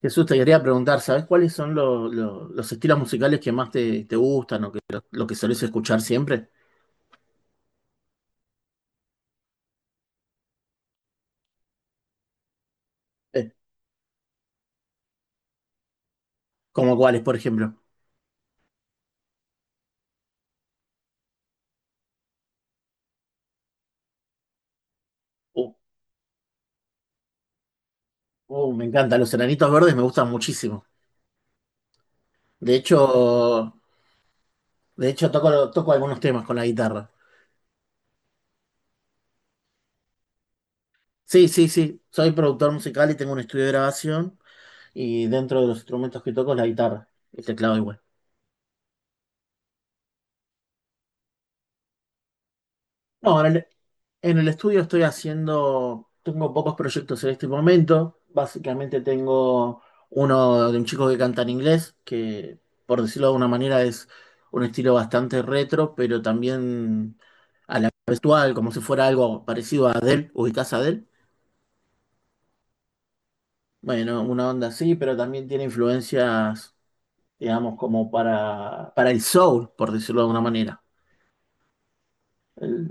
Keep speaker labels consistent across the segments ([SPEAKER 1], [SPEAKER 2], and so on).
[SPEAKER 1] Jesús, te quería preguntar, ¿sabes cuáles son los estilos musicales que más te gustan o que lo que solés escuchar siempre? Eh, ¿Como cuáles, por ejemplo? Uh, me encantan, los Enanitos Verdes me gustan muchísimo. De hecho, de hecho toco algunos temas con la guitarra. Sí, sí, sí, soy productor musical y tengo un estudio de grabación y dentro de los instrumentos que toco es la guitarra, el teclado igual. No, en el estudio estoy haciendo, tengo pocos proyectos en este momento. Básicamente tengo uno de un chico que canta en inglés, que por decirlo de una manera es un estilo bastante retro, pero también a la vez actual, como si fuera algo parecido a Adele, ubicás a Adele. Bueno, una onda así, pero también tiene influencias, digamos, como para el soul, por decirlo de alguna manera. El-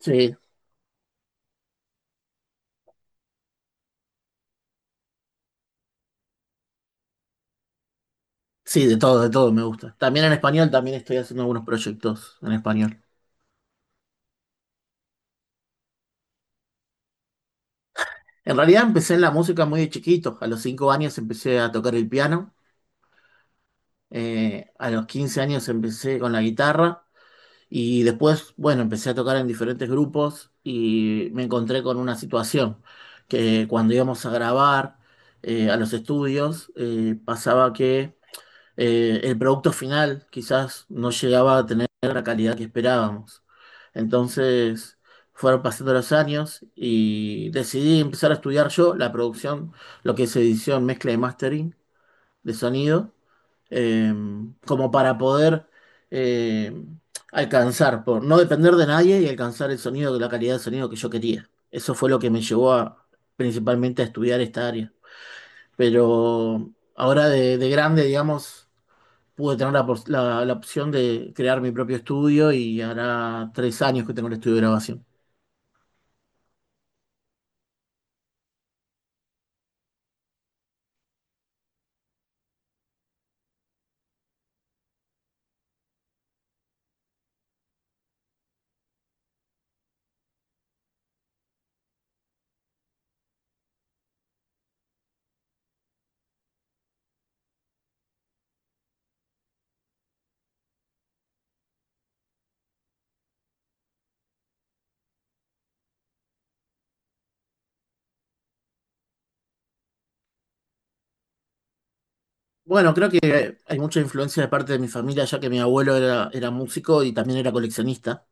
[SPEAKER 1] sí, sí, de todo me gusta. También en español, también estoy haciendo algunos proyectos en español. En realidad empecé en la música muy de chiquito. A los 5 años empecé a tocar el piano. A los 15 años empecé con la guitarra. Y después, bueno, empecé a tocar en diferentes grupos y me encontré con una situación que cuando íbamos a grabar a los estudios, pasaba que el producto final quizás no llegaba a tener la calidad que esperábamos. Entonces fueron pasando los años y decidí empezar a estudiar yo la producción, lo que es edición, mezcla y mastering de sonido, eh, como para poder eh, alcanzar, por no depender de nadie y alcanzar el sonido, la calidad de sonido que yo quería. Eso fue lo que me llevó a, principalmente a estudiar esta área. Pero ahora de grande, digamos, pude tener la opción de crear mi propio estudio y hará 3 años que tengo el estudio de grabación. Bueno, creo que hay mucha influencia de parte de mi familia, ya que mi abuelo era músico y también era coleccionista.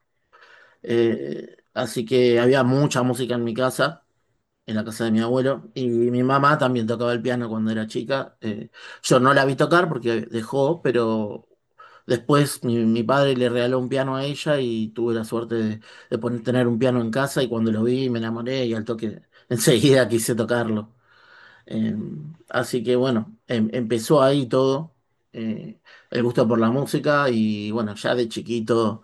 [SPEAKER 1] Así que había mucha música en mi casa, en la casa de mi abuelo. Y mi mamá también tocaba el piano cuando era chica. Yo no la vi tocar porque dejó, pero después mi padre le regaló un piano a ella y tuve la suerte de poner, tener un piano en casa y cuando lo vi me enamoré y al toque enseguida quise tocarlo. Eh, así que bueno, empezó ahí todo, eh, el gusto por la música y bueno, ya de chiquito.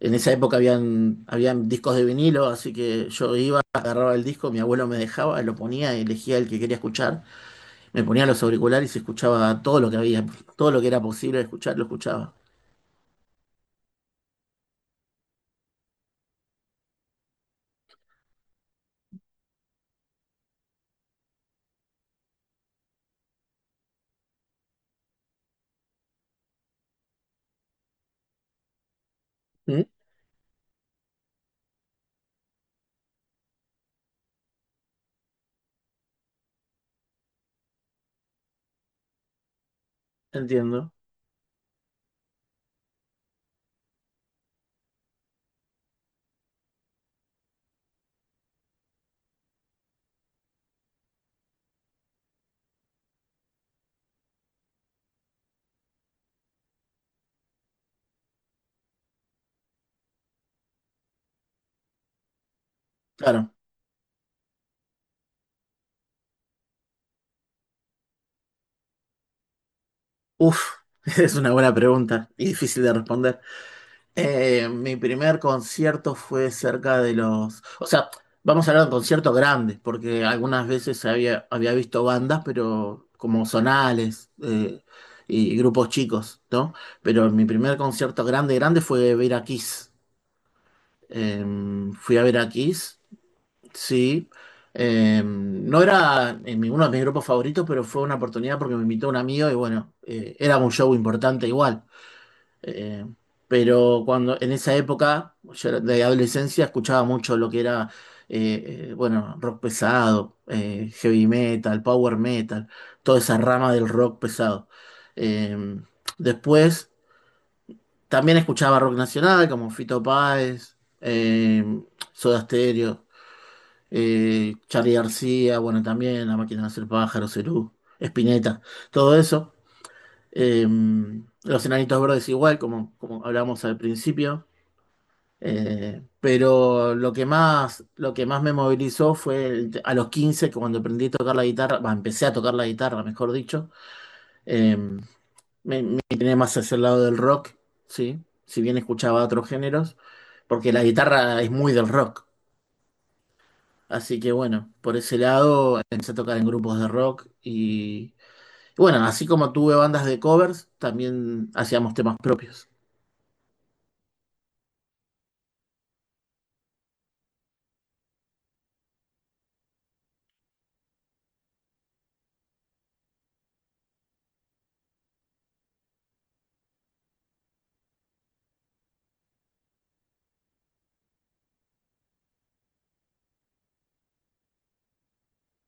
[SPEAKER 1] En esa época habían discos de vinilo, así que yo iba, agarraba el disco, mi abuelo me dejaba, lo ponía, elegía el que quería escuchar, me ponía los auriculares y escuchaba todo lo que había, todo lo que era posible escuchar, lo escuchaba. ¿Mm? Entiendo. Claro. Uf, es una buena pregunta y difícil de responder. Mi primer concierto fue cerca de los, o sea, vamos a hablar de conciertos grandes, porque algunas veces había visto bandas, pero como zonales y grupos chicos, ¿no? Pero mi primer concierto grande, grande fue ver a Kiss. Eh, fui a ver a Kiss, sí. No era en uno de mis grupos favoritos, pero fue una oportunidad porque me invitó un amigo y bueno, era un show importante igual. Eh, pero cuando en esa época, yo era de adolescencia, escuchaba mucho lo que era, bueno, rock pesado, heavy metal, power metal, toda esa rama del rock pesado. Eh, después también escuchaba rock nacional como Fito Páez, Soda Stereo, Charly García, bueno, también La Máquina de Hacer Pájaros, Cerú, Spinetta, todo eso. Eh, los Enanitos Verdes igual, como, como hablamos al principio. Pero lo que más me movilizó fue a los 15 que cuando aprendí a tocar la guitarra, bah, empecé a tocar la guitarra, mejor dicho, eh, me, me incliné más hacia el lado del rock, ¿sí? Si bien escuchaba otros géneros, porque la guitarra es muy del rock. Así que bueno, por ese lado empecé a tocar en grupos de rock y bueno, así como tuve bandas de covers, también hacíamos temas propios.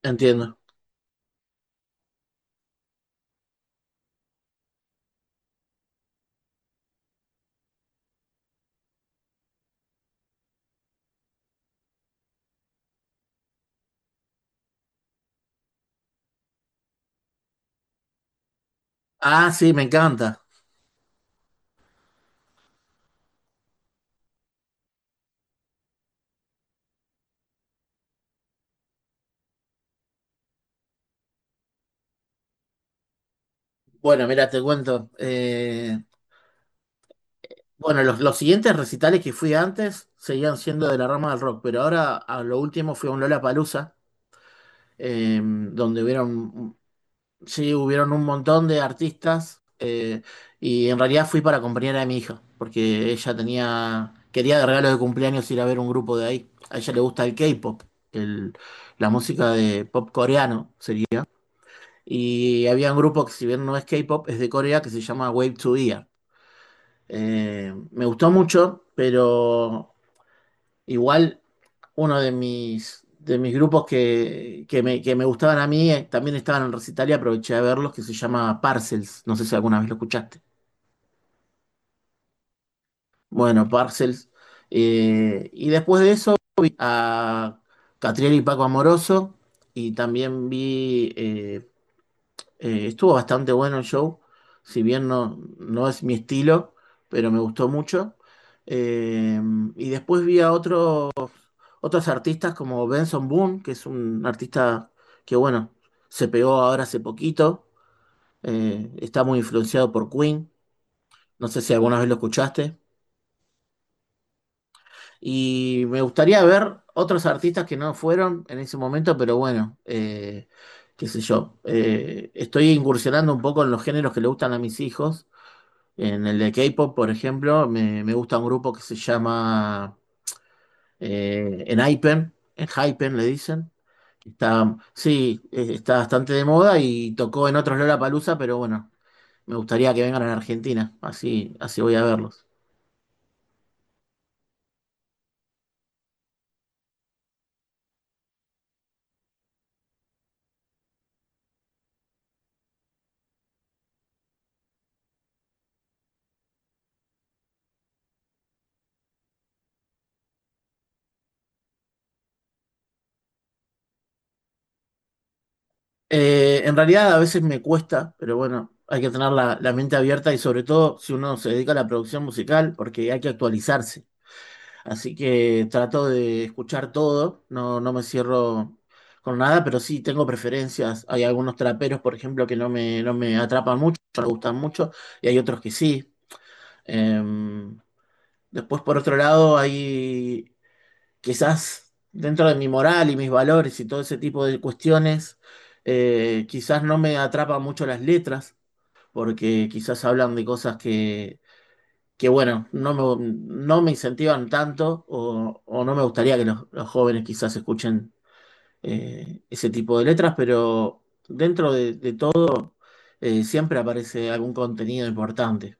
[SPEAKER 1] Entiendo. Ah, sí, me encanta. Bueno, mira, te cuento. Bueno, los siguientes recitales que fui antes seguían siendo de la rama del rock, pero ahora a lo último fui a un Lollapalooza, donde hubieron, sí, hubieron un montón de artistas y en realidad fui para acompañar a mi hija, porque ella tenía, quería de regalo de cumpleaños ir a ver un grupo de ahí. A ella le gusta el K-pop, el- la música de pop coreano sería. Y había un grupo que si bien no es K-pop, es de Corea, que se llama Wave to Ear. Me gustó mucho, pero igual, uno de de mis grupos que me gustaban a mí, también estaban en recital y aproveché de verlos, que se llama Parcels. No sé si alguna vez lo escuchaste. Bueno, Parcels, y después de eso vi a Catriel y Paco Amoroso y también vi, estuvo bastante bueno el show, si bien no es mi estilo, pero me gustó mucho. Eh, y después vi a otros artistas como Benson Boone, que es un artista que, bueno, se pegó ahora hace poquito, está muy influenciado por Queen, no sé si alguna vez lo escuchaste, y me gustaría ver otros artistas que no fueron en ese momento, pero bueno, qué sé yo, estoy incursionando un poco en los géneros que le gustan a mis hijos, en el de K-pop, por ejemplo, me gusta un grupo que se llama Enhypen, Enhypen le dicen. Está, sí, está bastante de moda y tocó en otros Lollapalooza, pero bueno, me gustaría que vengan a la Argentina, así, así voy a verlos. En realidad a veces me cuesta, pero bueno, hay que tener la mente abierta y sobre todo si uno se dedica a la producción musical, porque hay que actualizarse. Así que trato de escuchar todo, no, no me cierro con nada, pero sí tengo preferencias. Hay algunos traperos, por ejemplo, que no me atrapan mucho, no me gustan mucho, y hay otros que sí. Eh, después, por otro lado, hay quizás dentro de mi moral y mis valores y todo ese tipo de cuestiones, quizás no me atrapan mucho las letras, porque quizás hablan de cosas que bueno, no me incentivan tanto o no me gustaría que los jóvenes quizás escuchen ese tipo de letras, pero dentro de todo siempre aparece algún contenido importante.